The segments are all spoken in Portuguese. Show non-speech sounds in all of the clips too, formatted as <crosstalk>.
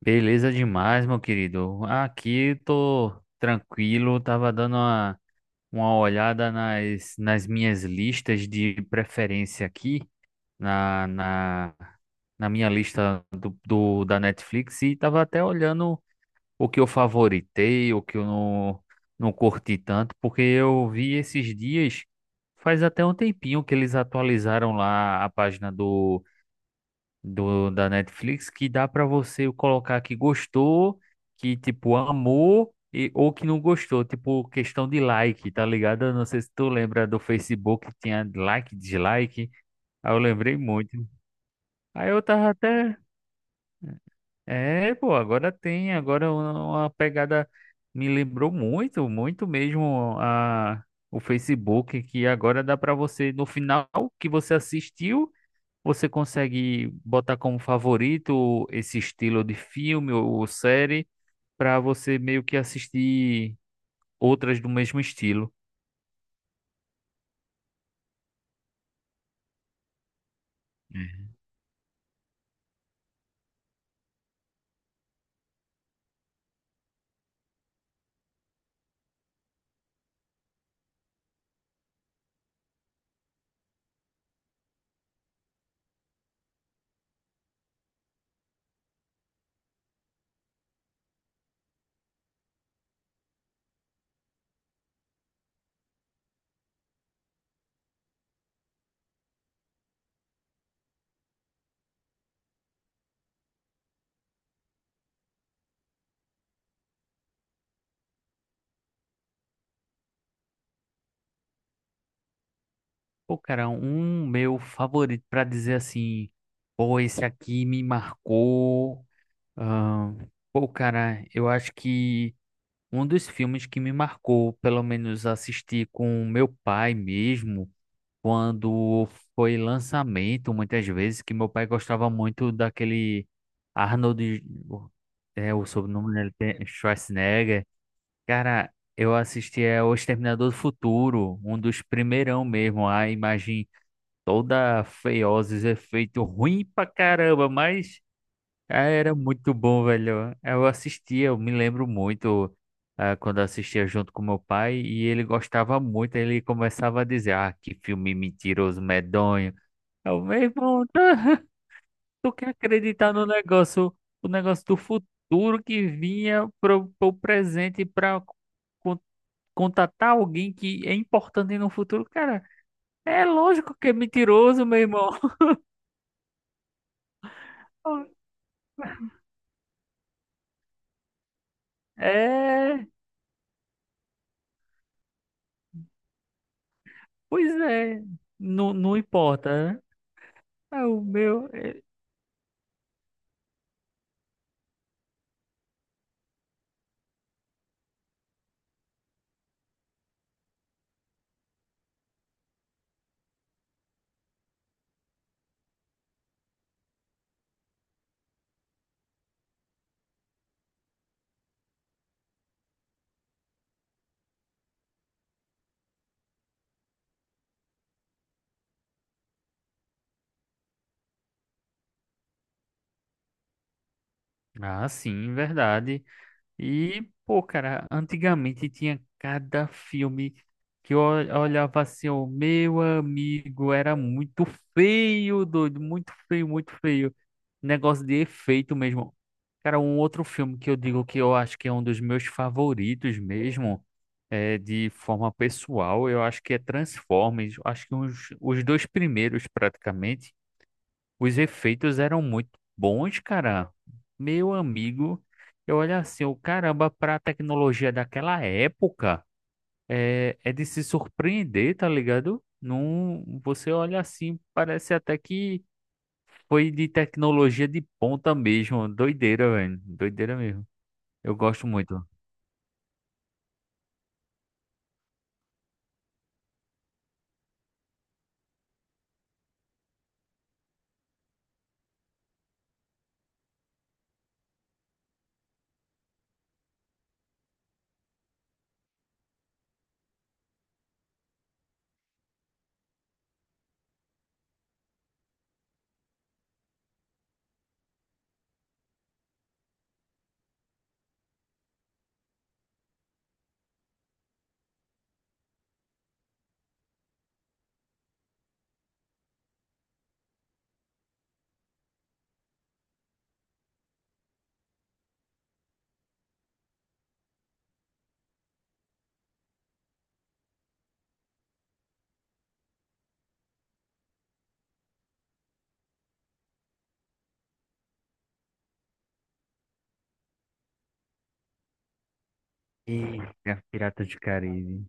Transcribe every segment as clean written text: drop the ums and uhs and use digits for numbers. Beleza demais, meu querido. Aqui tô tranquilo, tava dando uma olhada nas minhas listas de preferência aqui, na, na, na minha lista da Netflix, e tava até olhando o que eu favoritei, o que eu não curti tanto, porque eu vi esses dias, faz até um tempinho que eles atualizaram lá a página do da Netflix que dá pra você colocar que gostou, que tipo amou e ou que não gostou, tipo questão de like, tá ligado? Eu não sei se tu lembra do Facebook que tinha like, dislike. Aí eu lembrei muito. Aí eu tava até, é, pô, agora tem, agora uma pegada me lembrou muito, muito mesmo a o Facebook que agora dá pra você no final que você assistiu você consegue botar como favorito esse estilo de filme ou série para você meio que assistir outras do mesmo estilo? É. Pô, cara, um meu favorito para dizer assim, pô, esse aqui me marcou. ahn, Pô, cara, eu acho que um dos filmes que me marcou, pelo menos assistir com meu pai mesmo, quando foi lançamento, muitas vezes, que meu pai gostava muito daquele Arnold, é o sobrenome dele, Schwarzenegger. Cara, eu assisti é O Exterminador do Futuro, um dos primeirão mesmo, a imagem toda feiosa, os efeitos ruim pra caramba, mas era muito bom, velho. Eu assistia, eu me lembro muito quando eu assistia junto com meu pai e ele gostava muito. Ele começava a dizer: ah, que filme mentiroso, medonho. Eu, meu irmão, tá, <laughs> tu quer acreditar no negócio, o negócio do futuro que vinha pro presente para contatar alguém que é importante no futuro? Cara, é lógico que é mentiroso, meu irmão. <laughs> É, pois é. Não, não importa, né? É o meu. É- Ah, sim, verdade. E, pô, cara, antigamente tinha cada filme que olhava assim, o meu amigo era muito feio, doido, muito feio, muito feio. Negócio de efeito mesmo. Cara, um outro filme que eu digo que eu acho que é um dos meus favoritos mesmo, é de forma pessoal, eu acho que é Transformers, acho que uns, os dois primeiros praticamente. Os efeitos eram muito bons, cara. Meu amigo, eu olho assim, o caramba, pra tecnologia daquela época, é de se surpreender, tá ligado? Não, você olha assim, parece até que foi de tecnologia de ponta mesmo. Doideira, velho. Doideira mesmo. Eu gosto muito. Eita, Piratas do Caribe.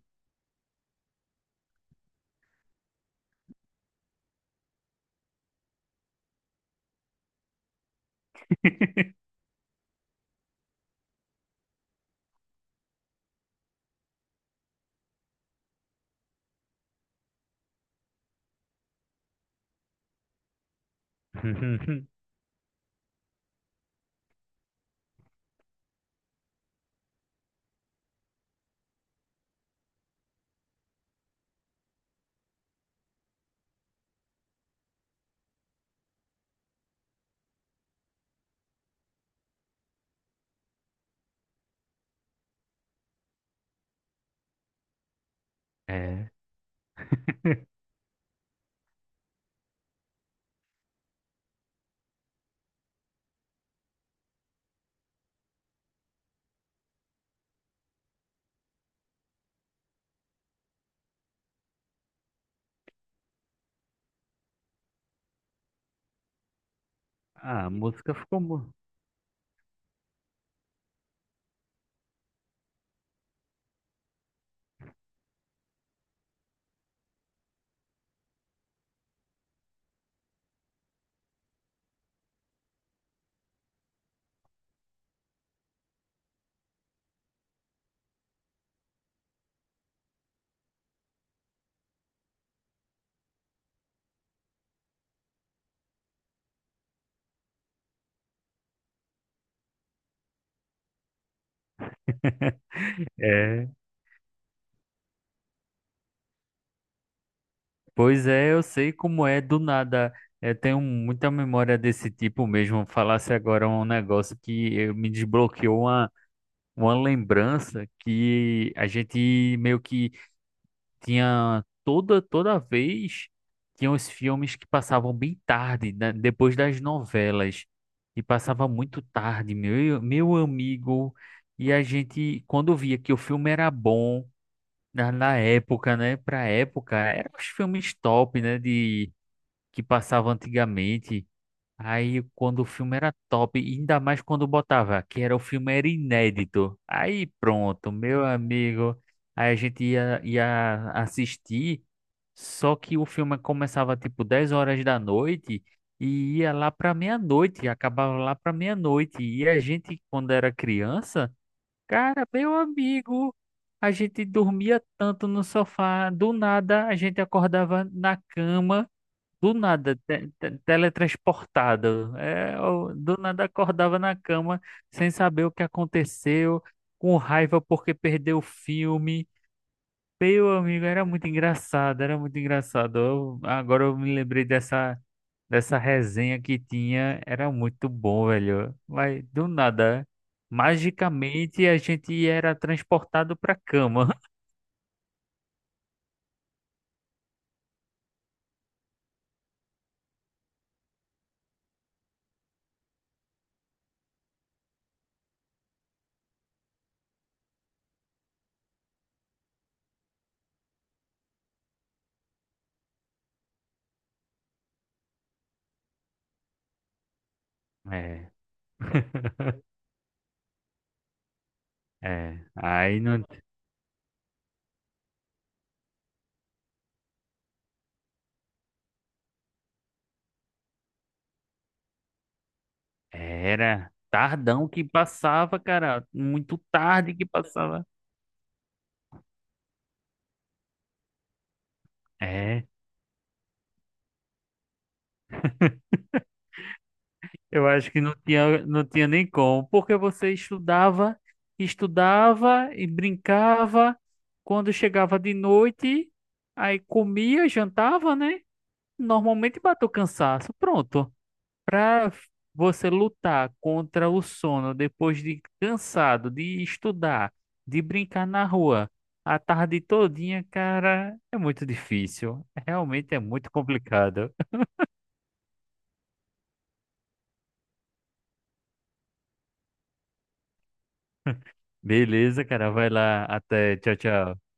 <laughs> É. Ah, a música ficou boa. É. Pois é, eu sei como é do nada. Eu tenho muita memória desse tipo mesmo. Falasse agora um negócio que me desbloqueou uma lembrança que a gente meio que tinha toda vez. Tinha os filmes que passavam bem tarde, né, depois das novelas. E passava muito tarde, meu amigo. E a gente, quando via que o filme era bom, na época, né? Pra época, eram os filmes top, né? De que passava antigamente. Aí quando o filme era top, e ainda mais quando botava, que era o filme era inédito. Aí pronto, meu amigo, aí a gente ia assistir, só que o filme começava tipo 10 horas da noite e ia lá pra meia-noite, acabava lá pra meia-noite. E a gente, quando era criança, cara, meu amigo, a gente dormia tanto no sofá, do nada a gente acordava na cama do nada, teletransportado. É, eu do nada acordava na cama sem saber o que aconteceu, com raiva porque perdeu o filme. Meu amigo, era muito engraçado, era muito engraçado. Agora eu me lembrei dessa, dessa resenha que tinha, era muito bom, velho. Mas do nada, magicamente a gente era transportado pra cama. <laughs> É. <laughs> É, aí não. Era tardão que passava, cara. Muito tarde que passava. É, eu acho que não tinha nem como. Porque você estudava, estudava e brincava. Quando chegava de noite, aí comia, jantava, né? Normalmente bateu cansaço. Pronto. Para você lutar contra o sono depois de cansado de estudar, de brincar na rua a tarde todinha, cara, é muito difícil. Realmente é muito complicado. <laughs> Beleza, cara, vai lá. Até. Tchau, tchau.